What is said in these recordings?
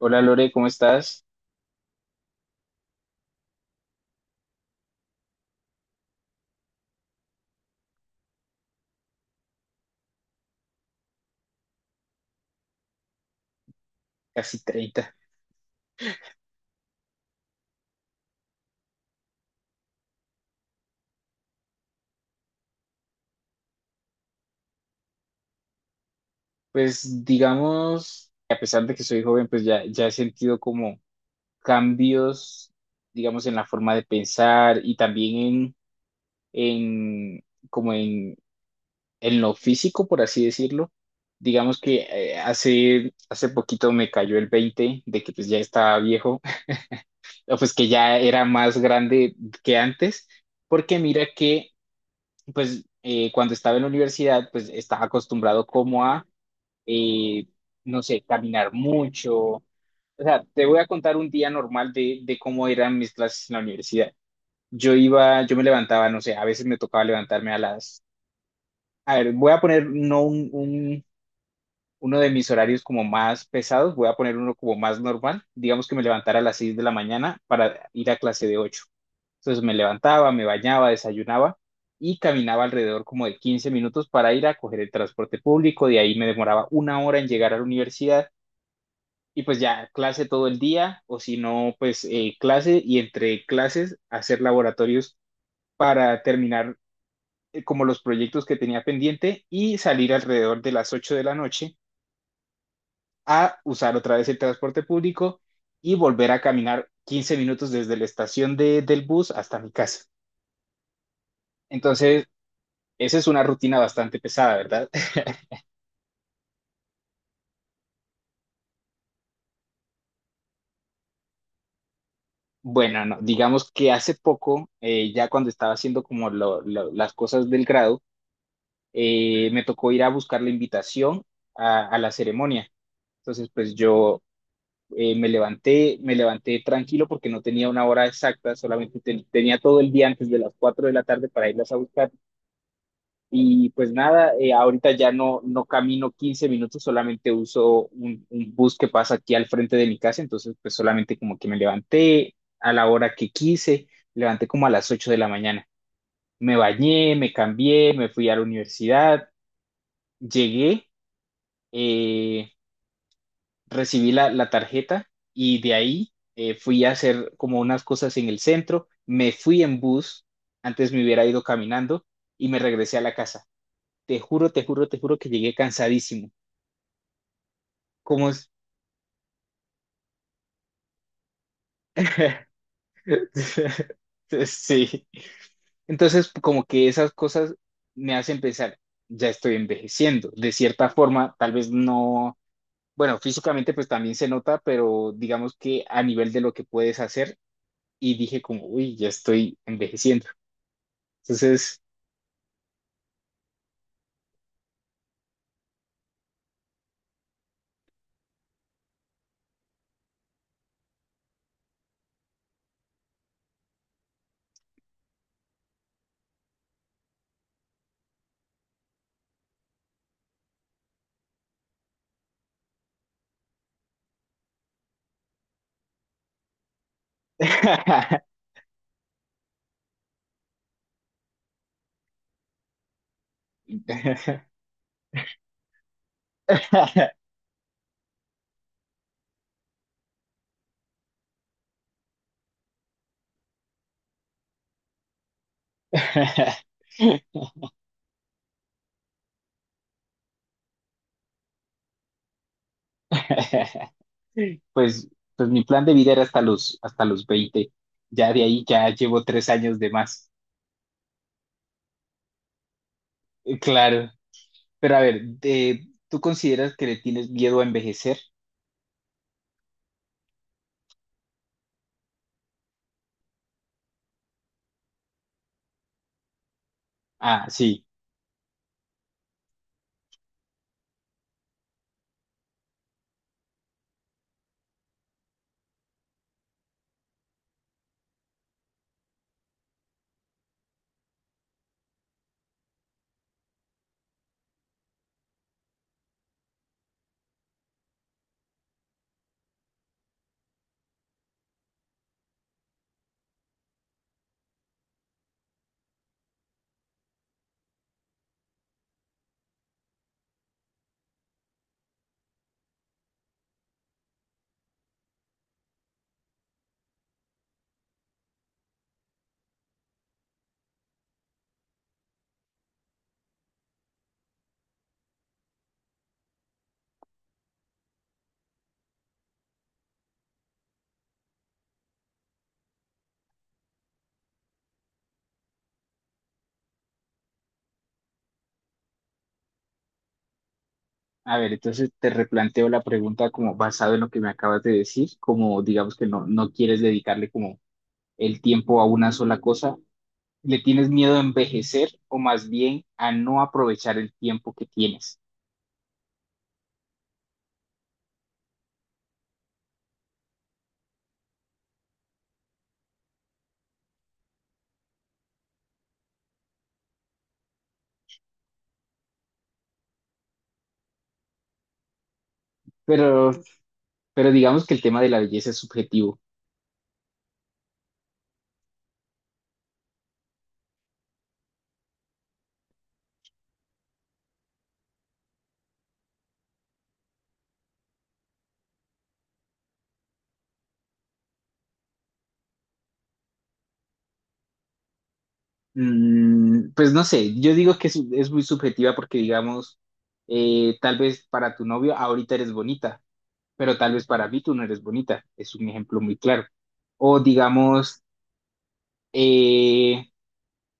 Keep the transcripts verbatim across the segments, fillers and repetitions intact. Hola Lore, ¿cómo estás? Casi treinta. Pues digamos, a pesar de que soy joven, pues ya, ya he sentido como cambios, digamos, en la forma de pensar y también en, en como en, en lo físico, por así decirlo. Digamos que eh, hace, hace poquito me cayó el veinte de que pues ya estaba viejo, o pues que ya era más grande que antes, porque mira que pues eh, cuando estaba en la universidad, pues estaba acostumbrado como a eh, no sé, caminar mucho. O sea, te voy a contar un día normal de, de cómo eran mis clases en la universidad. Yo iba, yo me levantaba, no sé, a veces me tocaba levantarme a las... A ver, voy a poner no un, un- uno de mis horarios como más pesados, voy a poner uno como más normal. Digamos que me levantara a las seis de la mañana para ir a clase de ocho. Entonces me levantaba, me bañaba, desayunaba y caminaba alrededor como de quince minutos para ir a coger el transporte público. De ahí me demoraba una hora en llegar a la universidad y pues ya, clase todo el día, o si no, pues eh, clase y entre clases hacer laboratorios para terminar eh, como los proyectos que tenía pendiente, y salir alrededor de las ocho de la noche a usar otra vez el transporte público y volver a caminar quince minutos desde la estación de- del bus hasta mi casa. Entonces, esa es una rutina bastante pesada, ¿verdad? Bueno, no, digamos que hace poco, eh, ya cuando estaba haciendo como lo- lo- las cosas del grado, eh, me tocó ir a buscar la invitación a, a la ceremonia. Entonces, pues yo eh, me levanté, me levanté tranquilo porque no tenía una hora exacta, solamente ten- tenía todo el día antes de las cuatro de la tarde para irlas a buscar. Y pues nada, eh, ahorita ya no, no camino quince minutos, solamente uso un, un bus que pasa aquí al frente de mi casa. Entonces, pues solamente como que me levanté a la hora que quise, levanté como a las ocho de la mañana. Me bañé, me cambié, me fui a la universidad, llegué, eh, recibí la, la tarjeta y de ahí eh, fui a hacer como unas cosas en el centro, me fui en bus, antes me hubiera ido caminando y me regresé a la casa. Te juro, te juro, te juro que llegué cansadísimo. Como es- Sí. Entonces, como que esas cosas me hacen pensar, ya estoy envejeciendo. De cierta forma, tal vez no, bueno, físicamente pues también se nota, pero digamos que a nivel de lo que puedes hacer, y dije como, uy, ya estoy envejeciendo. Entonces, pues, pues mi plan de vida era hasta los, hasta los veinte. Ya de ahí ya llevo tres años de más. Eh, Claro, pero a ver, de- ¿tú consideras que le tienes miedo a envejecer? Ah, sí. A ver, entonces te replanteo la pregunta, como basado en lo que me acabas de decir, como digamos que no, no quieres dedicarle como el tiempo a una sola cosa, le tienes miedo a envejecer o más bien a no aprovechar el tiempo que tienes. Pero, pero digamos que el tema de la belleza es subjetivo. Mm, pues no sé, yo digo que es, es muy subjetiva porque digamos, eh, tal vez para tu novio ahorita eres bonita, pero tal vez para mí tú no eres bonita. Es un ejemplo muy claro. O digamos, eh,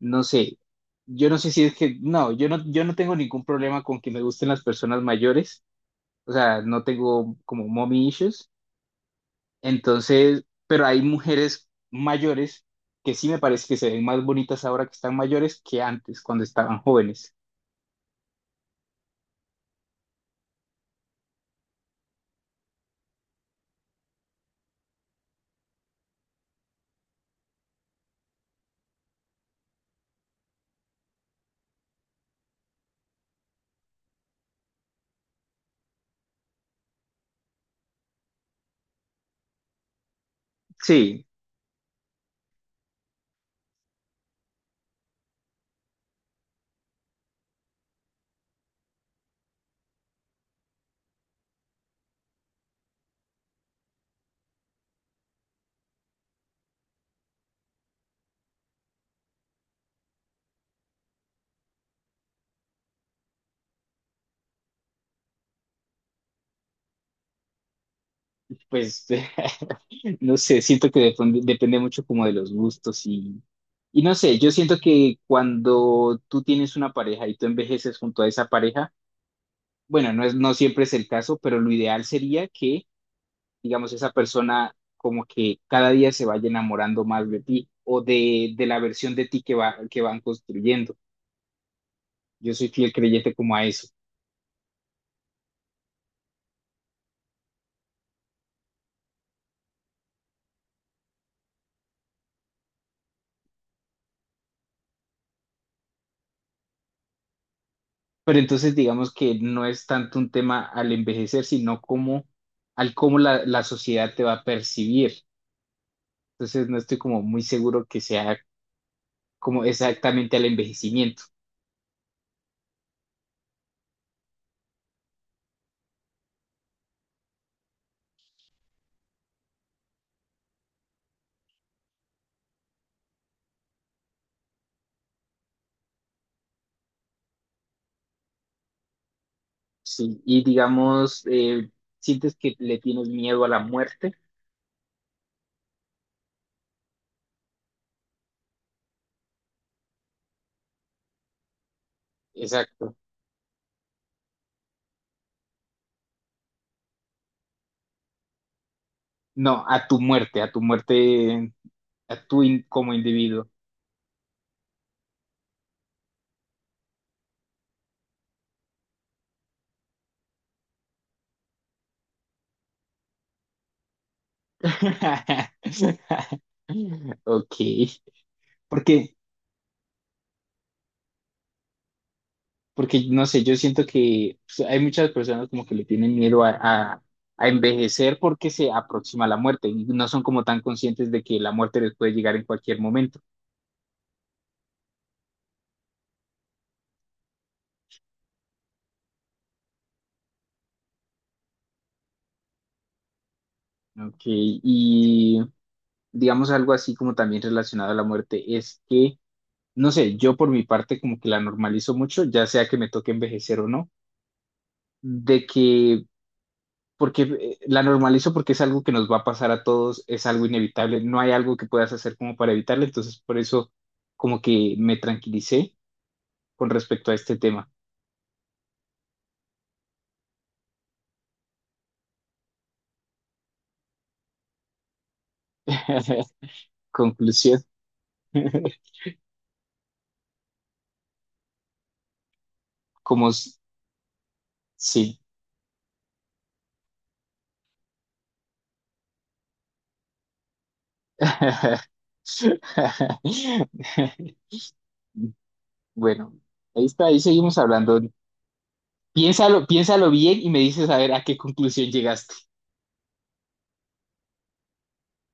no sé, yo no sé si es que, no, yo no, yo no tengo ningún problema con que me gusten las personas mayores. O sea, no tengo como mommy issues. Entonces, pero hay mujeres mayores que sí me parece que se ven más bonitas ahora que están mayores que antes, cuando estaban jóvenes. Sí, pues no sé, siento que depende, depende mucho como de los gustos y, y no sé, yo siento que cuando tú tienes una pareja y tú envejeces junto a esa pareja, bueno, no es, no siempre es el caso, pero lo ideal sería que, digamos, esa persona como que cada día se vaya enamorando más de ti o de, de la versión de ti que va, que van construyendo. Yo soy fiel creyente como a eso. Pero entonces digamos que no es tanto un tema al envejecer, sino como al cómo la, la sociedad te va a percibir. Entonces no estoy como muy seguro que sea como exactamente al envejecimiento. Sí, y digamos, eh, sientes que le tienes miedo a la muerte. Exacto. No, a tu muerte, a tu muerte, a tu in- como individuo. Ok. Porque porque no sé, yo siento que pues, hay muchas personas como que le tienen miedo a, a- a envejecer porque se aproxima la muerte y no son como tan conscientes de que la muerte les puede llegar en cualquier momento. ¿No? Ok, y digamos algo así como también relacionado a la muerte es que, no sé, yo por mi parte como que la normalizo mucho, ya sea que me toque envejecer o no, de que porque eh, la normalizo porque es algo que nos va a pasar a todos, es algo inevitable, no hay algo que puedas hacer como para evitarlo, entonces por eso como que me tranquilicé con respecto a este tema. Conclusión, como s- sí. Bueno, ahí está, ahí seguimos hablando. Piénsalo, piénsalo bien y me dices a ver a qué conclusión llegaste.